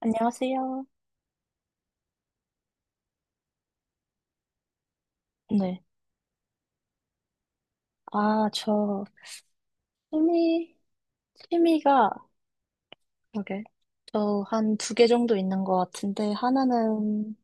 안녕하세요. 네. 아, 저 취미, 취미가, 그러게. 저 한 두 개 정도 있는 것 같은데, 하나는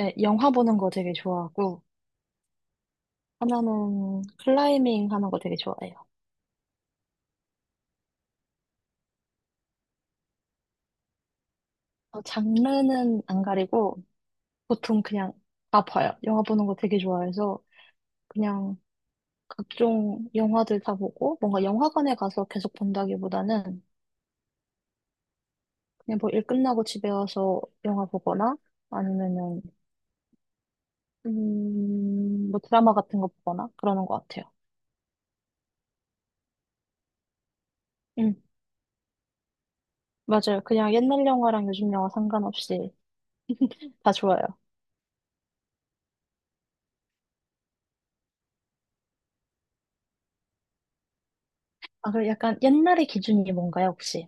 예, 영화 보는 거 되게 좋아하고, 하나는 클라이밍 하는 거 되게 좋아해요. 장르는 안 가리고, 보통 그냥 다 봐요. 영화 보는 거 되게 좋아해서, 그냥 각종 영화들 다 보고, 뭔가 영화관에 가서 계속 본다기보다는, 그냥 뭐 일 끝나고 집에 와서 영화 보거나, 아니면은 뭐 드라마 같은 거 보거나 그러는 것 같아요. 응, 맞아요. 그냥 옛날 영화랑 요즘 영화 상관없이 다 좋아요. 아, 그럼 약간 옛날의 기준이 뭔가요, 혹시?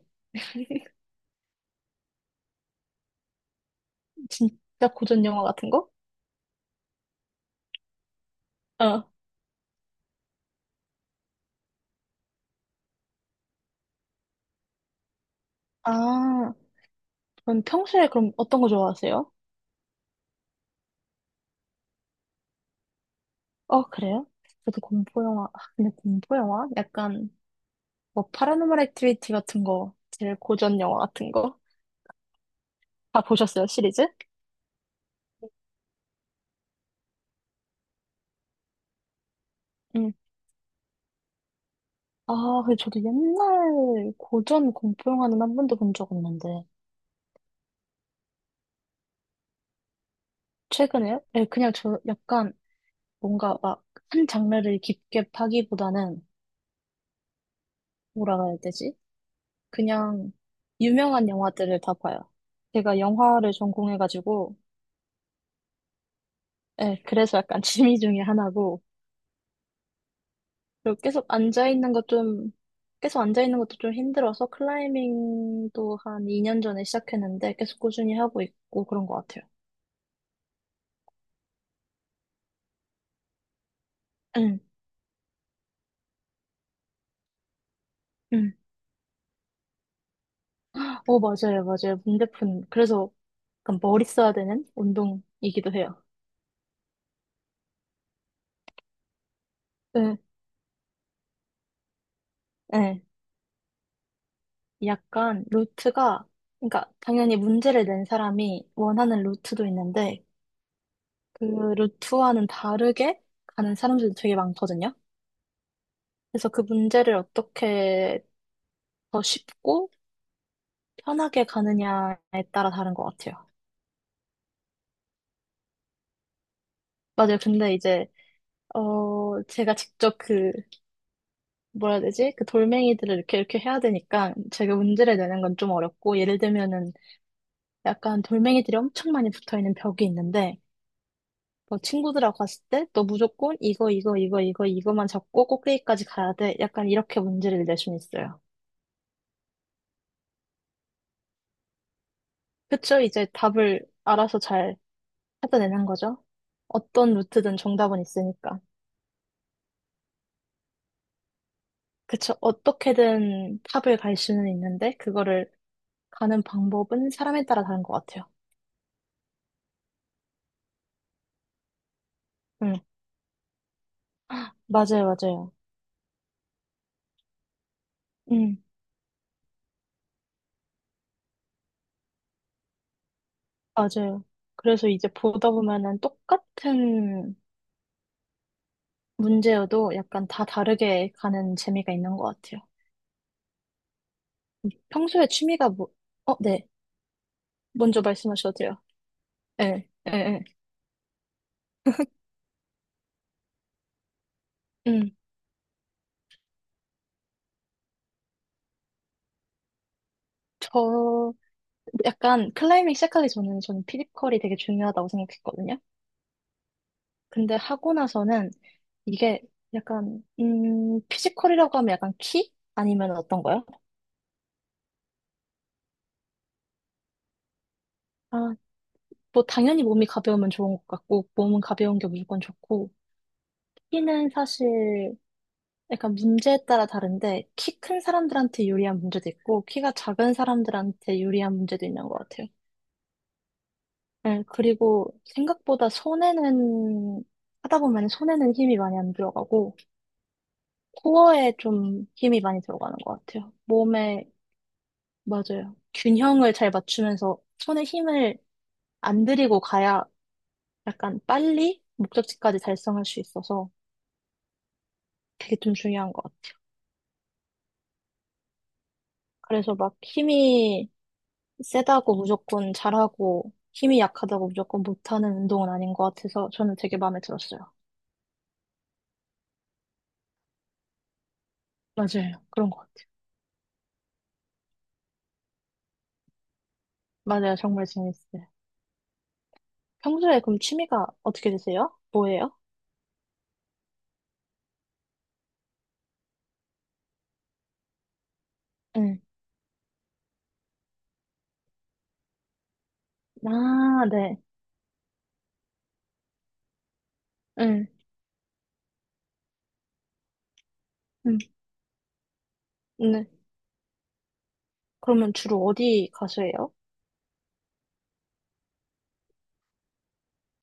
진짜 고전 영화 같은 거? 어. 아, 그럼 평소에 그럼 어떤 거 좋아하세요? 어, 그래요? 저도 공포 영화, 아, 근데 공포 영화? 약간 뭐 파라노멀 액티비티 같은 거, 제일 고전 영화 같은 거? 다 보셨어요, 시리즈? 응, 아, 근데 저도 옛날 고전 공포 영화는 한 번도 본 적 없는데. 최근에요? 네, 그냥 저 약간 뭔가 막 한 장르를 깊게 파기보다는 뭐라고 해야 되지? 그냥 유명한 영화들을 다 봐요. 제가 영화를 전공해가지고, 네, 그래서 약간 취미 중에 하나고, 그리고 계속 앉아있는 것 좀, 계속 앉아있는 것도 좀 힘들어서 클라이밍도 한 2년 전에 시작했는데 계속 꾸준히 하고 있고 그런 것 같아요. 응, 응. 어, 맞아요, 맞아요. 문대푼. 그래서 약간 머리 써야 되는 운동이기도 해요. 네. 네. 약간 루트가, 그러니까 당연히 문제를 낸 사람이 원하는 루트도 있는데 그 루트와는 다르게 가는 사람들도 되게 많거든요. 그래서 그 문제를 어떻게 더 쉽고 편하게 가느냐에 따라 다른 것 같아요. 맞아요. 근데 이제 제가 직접 그 뭐라 해야 되지? 그 돌멩이들을 이렇게 이렇게 해야 되니까 제가 문제를 내는 건 좀 어렵고 예를 들면은 약간 돌멩이들이 엄청 많이 붙어 있는 벽이 있는데 뭐 친구들하고 갔을 때 너 무조건 이거 이거 이거 이거 이거만 잡고 꼭대기까지 가야 돼. 약간 이렇게 문제를 낼 수는 있어요. 그쵸? 이제 답을 알아서 잘 찾아내는 거죠. 어떤 루트든 정답은 있으니까. 그쵸? 어떻게든 탑을 갈 수는 있는데 그거를 가는 방법은 사람에 따라 다른 것 같아요. 음, 맞아요, 맞아요. 음, 맞아요. 그래서 이제 보다 보면은 똑같은 문제여도 약간 다 다르게 가는 재미가 있는 것 같아요. 평소에 취미가 뭐, 어, 네. 먼저 말씀하셔도 돼요. 예, 예, 예. 음, 저, 약간 클라이밍 시작하기 전에는 저는 피지컬이 되게 중요하다고 생각했거든요. 근데 하고 나서는 이게 약간, 피지컬이라고 하면 약간 키? 아니면 어떤 거요? 아, 뭐 당연히 몸이 가벼우면 좋은 것 같고, 몸은 가벼운 게 무조건 좋고, 키는 사실 약간 문제에 따라 다른데, 키 큰 사람들한테 유리한 문제도 있고, 키가 작은 사람들한테 유리한 문제도 있는 것 같아요. 네, 그리고 생각보다 손에는, 하다 보면 손에는 힘이 많이 안 들어가고, 코어에 좀 힘이 많이 들어가는 것 같아요. 몸에, 맞아요. 균형을 잘 맞추면서 손에 힘을 안 들이고 가야 약간 빨리 목적지까지 달성할 수 있어서 그게 좀 중요한 것 같아요. 그래서 막 힘이 세다고 무조건 잘하고, 힘이 약하다고 무조건 못하는 운동은 아닌 것 같아서 저는 되게 마음에 들었어요. 맞아요. 그런 것 같아요. 맞아요. 정말 재밌어요. 평소에 그럼 취미가 어떻게 되세요? 뭐예요? 응. 아, 네. 응. 응, 네. 그러면 주로 어디 가서 해요?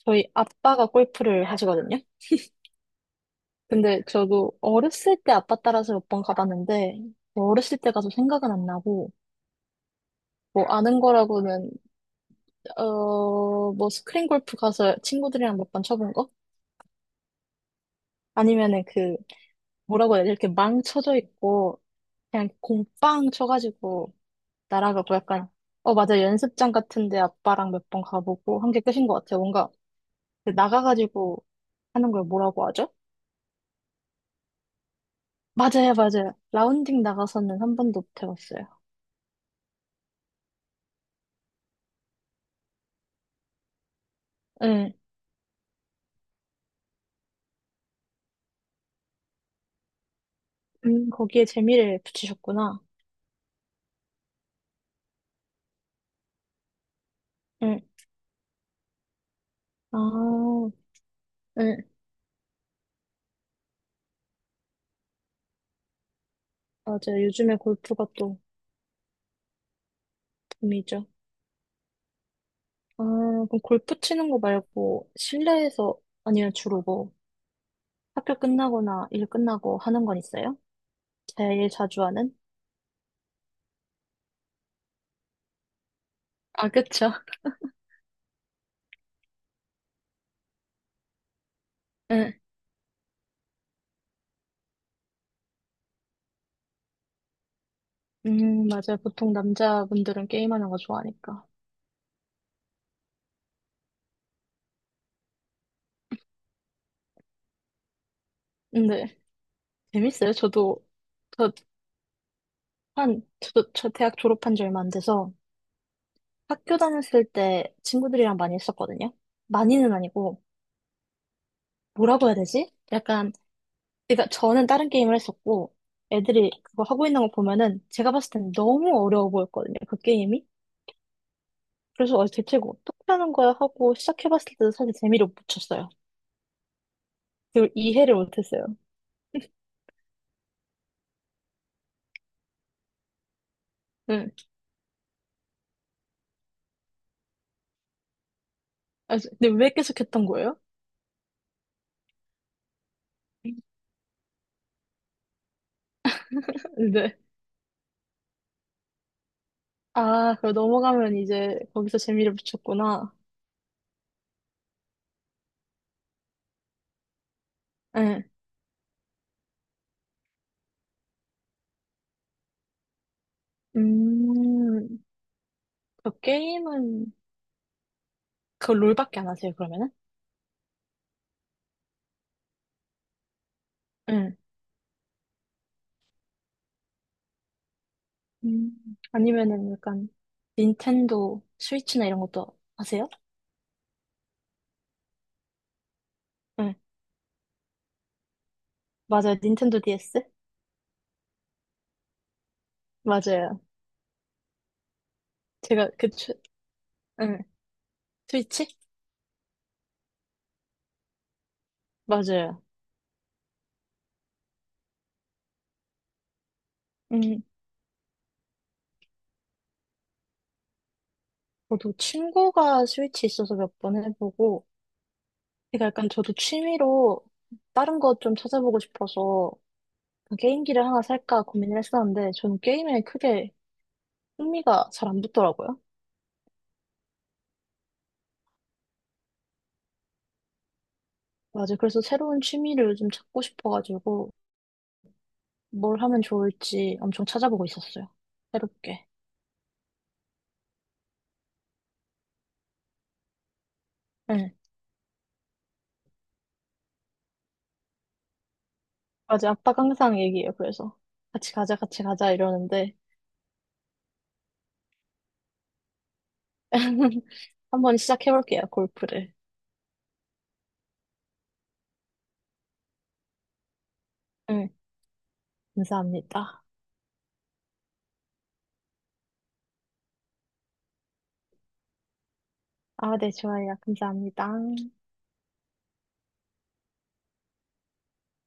저희 아빠가 골프를 하시거든요. 근데 저도 어렸을 때 아빠 따라서 몇 번 가봤는데, 뭐 어렸을 때 가서 생각은 안 나고, 뭐 아는 거라고는, 뭐 스크린 골프 가서 친구들이랑 몇 번 쳐본 거? 아니면은 그, 뭐라고 해야 돼? 이렇게 망 쳐져 있고, 그냥 공 빵 쳐가지고, 나라가고 약간, 어, 맞아. 연습장 같은데 아빠랑 몇 번 가보고 한 게 끝인 것 같아요. 뭔가 그 나가가지고 하는 걸 뭐라고 하죠? 맞아요, 맞아요. 라운딩 나가서는 한 번도 못 해봤어요. 응, 거기에 재미를 붙이셨구나. 응, 아, 응, 맞아요. 요즘에 골프가 또 붐이죠. 아, 그럼 골프 치는 거 말고 실내에서 아니면 주로 뭐 학교 끝나거나 일 끝나고 하는 건 있어요? 제일 자주 하는? 아, 그쵸. 맞아요. 보통 남자분들은 게임하는 거 좋아하니까. 근데 재밌어요. 저 저도 저 대학 졸업한 지 얼마 안 돼서 학교 다녔을 때 친구들이랑 많이 했었거든요. 많이는 아니고 뭐라고 해야 되지? 약간 그러니까 저는 다른 게임을 했었고 애들이 그거 하고 있는 거 보면은 제가 봤을 때는 너무 어려워 보였거든요. 그 게임이. 그래서 대체 이거 어떻게 하는 거야 하고 시작해봤을 때도 사실 재미를 못 붙였어요. 그걸 이해를 못했어요. 응. 아, 근데 왜 계속 했던 거예요? 네. 아, 그럼 넘어가면 이제 거기서 재미를 붙였구나. 응. 음, 그 게임은 그 롤밖에 안 하세요, 그러면은? 응. 아니면은 약간 닌텐도 스위치나 이런 것도 하세요? 응. 맞아요. 닌텐도 DS? 맞아요. 제가 그, 추, 응. 스위치? 맞아요. 음, 저도 친구가 스위치 있어서 몇 번 해보고, 그러니까 약간 저도 취미로 다른 거 좀 찾아보고 싶어서 게임기를 하나 살까 고민을 했었는데 저는 게임에 크게 흥미가 잘 안 붙더라고요. 맞아요. 그래서 새로운 취미를 요즘 찾고 싶어가지고 뭘 하면 좋을지 엄청 찾아보고 있었어요. 새롭게. 네. 맞아요. 아빠가 항상 얘기해요. 그래서 같이 가자, 같이 가자 이러는데 한번 시작해볼게요. 골프를. 네. 감사합니다. 아, 네, 좋아요. 감사합니다.